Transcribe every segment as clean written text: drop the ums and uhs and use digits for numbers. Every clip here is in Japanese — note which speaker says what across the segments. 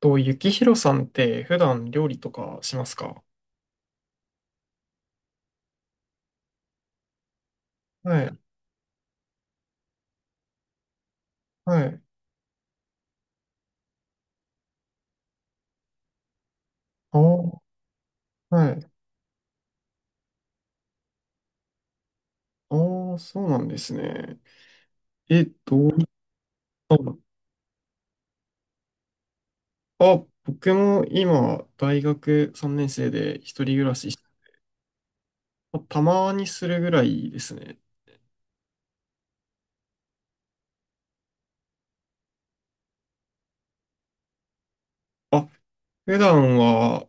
Speaker 1: と、ゆきひろさんって普段料理とかしますか？はい、はい。ああ、はい。ああ、そうなんですね。え、どういったの？あ、僕も今、大学3年生で一人暮らしし、まあたまにするぐらいですね。あ、普段は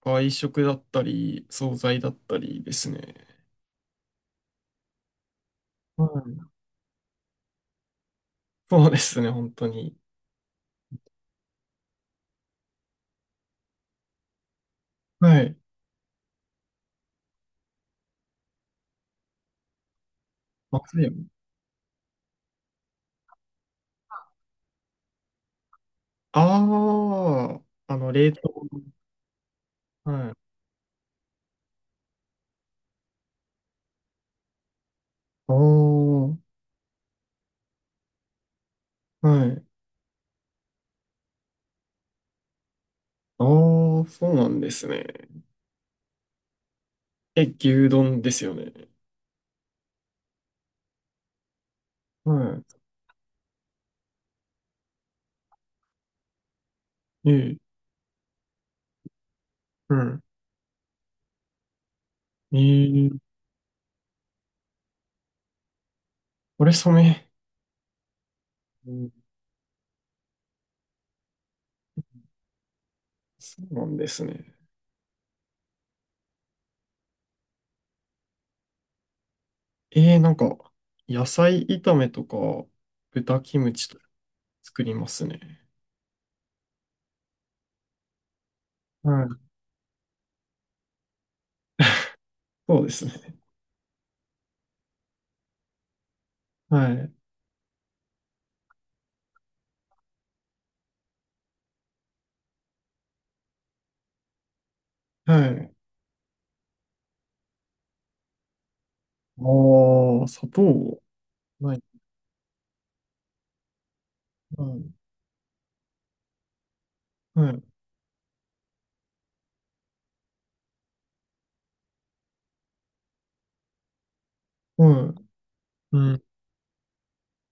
Speaker 1: 外食だったり、惣菜だったりですね。はい。そうですね、本当に。はい。まずいよね。ああ、あの、冷凍。はい。ああ、はい。ああー、そうなんですね。え、牛丼ですよね。はい。ええ、うん。ええ、これ染め。うん。そうなんですね。ええ、なんか、野菜炒めとか、豚キムチとか作りますね。はい。そうですね。はい。はい。ああ、砂糖。はい。はい。はい。はい。うん。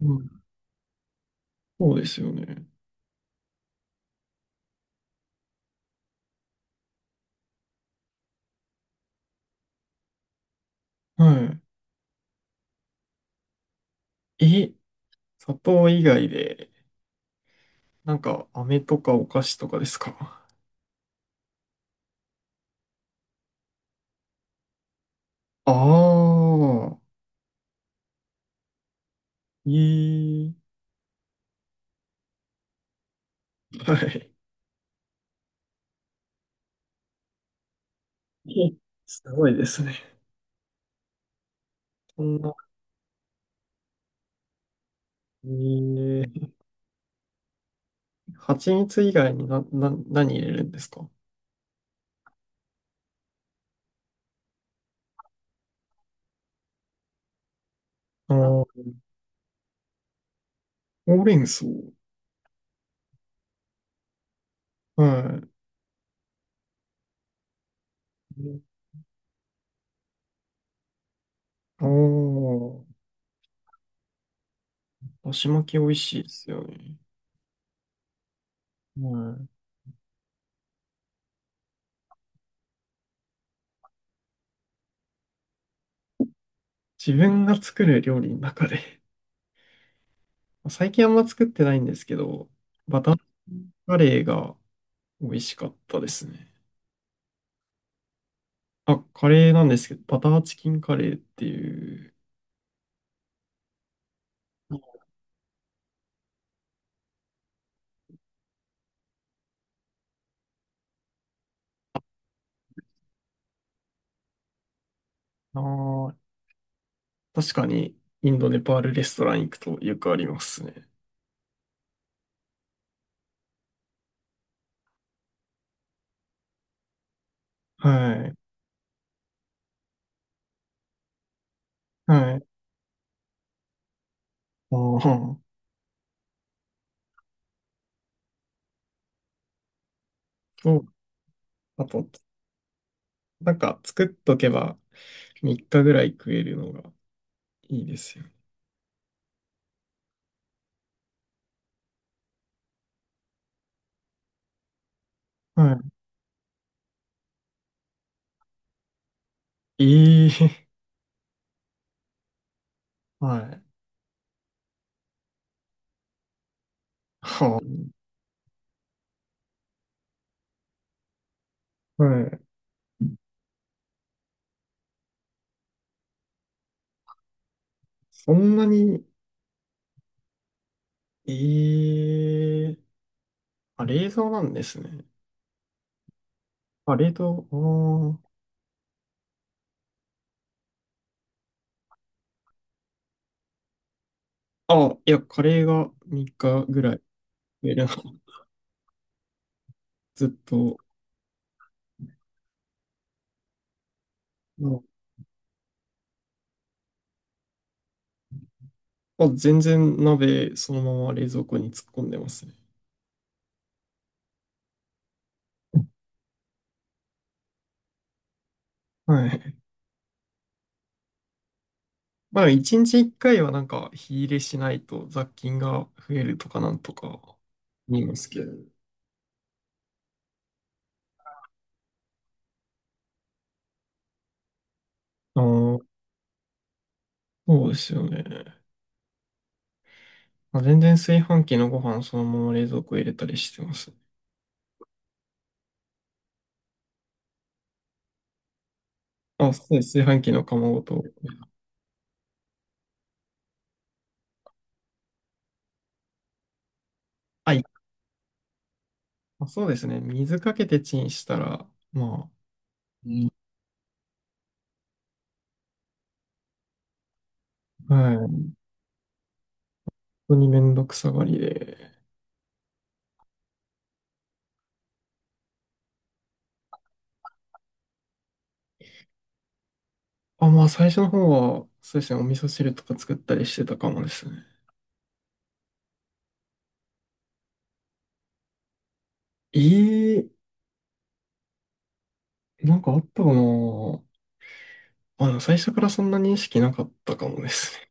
Speaker 1: うん。そうですよね。はい。え、砂糖以外で、なんか、飴とかお菓子とかですか？ああ、ええ、はい。すごいですね。そんな、ええ、蜂蜜以外に何入れるんですか？ああ、ほうれん草。はい。ああ、だし巻き美味しいですよね。はい。自分が作る料理の中で、最近あんま作ってないんですけど、バターカレーが美味しかったですね。あ、カレーなんですけど、バターチキンカレーっていう、あー、確かに、インド、ネパールレストラン行くとよくありますね。はい。はい。ああ、そう。あと、なんか作っとけば3日ぐらい食えるのがいいですよ。はい。ええ、はい。はあ、はい。そんなに、ええ、あ、冷蔵なんですね。あ、冷凍、ああ。あ、いや、カレーが3日ぐらい食えるな。ずっと。うん。あ、全然鍋そのまま冷蔵庫に突っ込んでますね。はい。まあ、一日一回はなんか火入れしないと雑菌が増えるとかなんとか言いますけど。ああ、そうですよね。まあ、全然炊飯器のご飯そのまま冷蔵庫入れたりしてます。あ、そうです。炊飯器の釜ごと。はい。まあ、そうですね。水かけてチンしたら、まあ、うん。あ、はい。本当にめんどくさがりで。あ、まあ最初の方は、そうですね。お味噌汁とか作ったりしてたかもですね。ええ、なんかあったかな。まあ、でも最初からそんな認識なかったかもですね。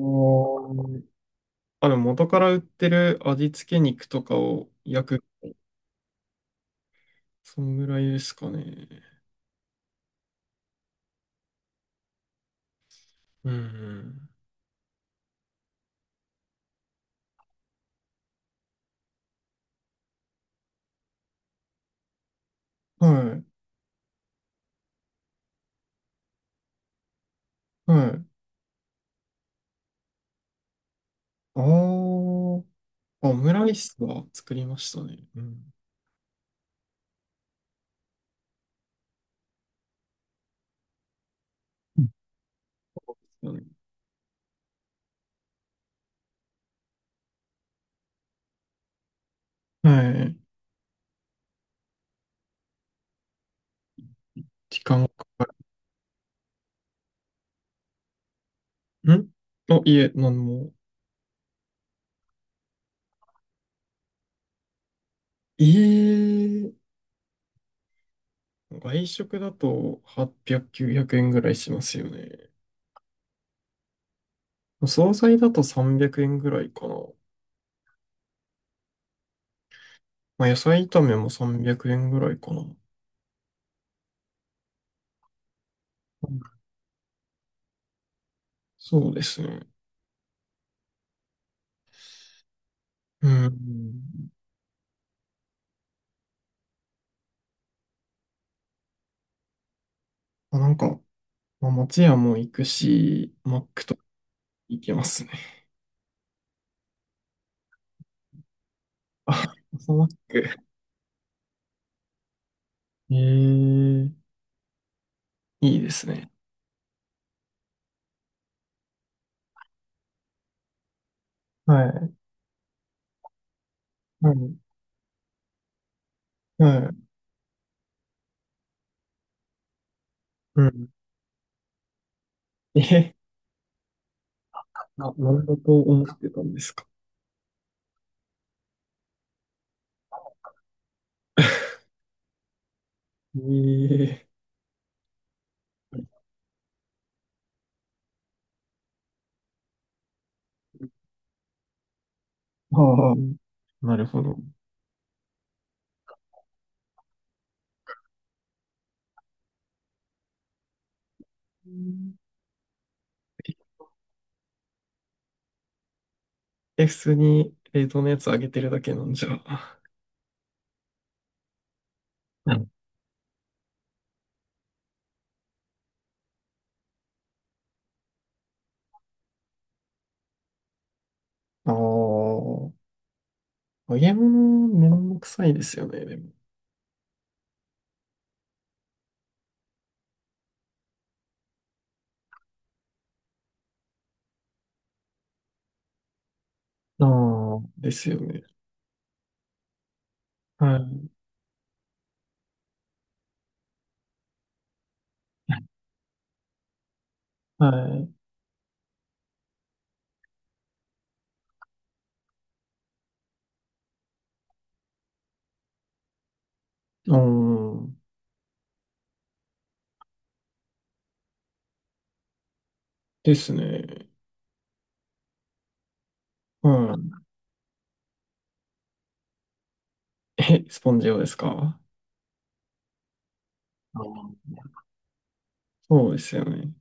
Speaker 1: あのあ、でも元から売ってる味付け肉とかを焼く。そんぐらいですかね。うん。はい。はい。あー、あ、オムライスは作りましたね。うん。うん。そうですよね、はい。時間かかる。あ、いえ、なんも。ええ、外食だと800、900円ぐらいしますよね。惣菜だと300円ぐらいかな。まあ、野菜炒めも300円ぐらいかな。そうですね。うん。まあ、なんか、まあ、松屋も行くし、マックとか行けますね。あ、朝マック。ええ、いいですね。はい。はい。はい。うん。え、なんだと思ってたんですか。ええ、ああ、なるほど。え、普通に冷凍のやつあげてるだけなんじゃ。うん。ああ。揚げ物、めんどくさいですよね、でも。ああ、ですよね。はい。はい。うん。ですね。うん。え、スポンジ用ですか？ああ、そうですよね。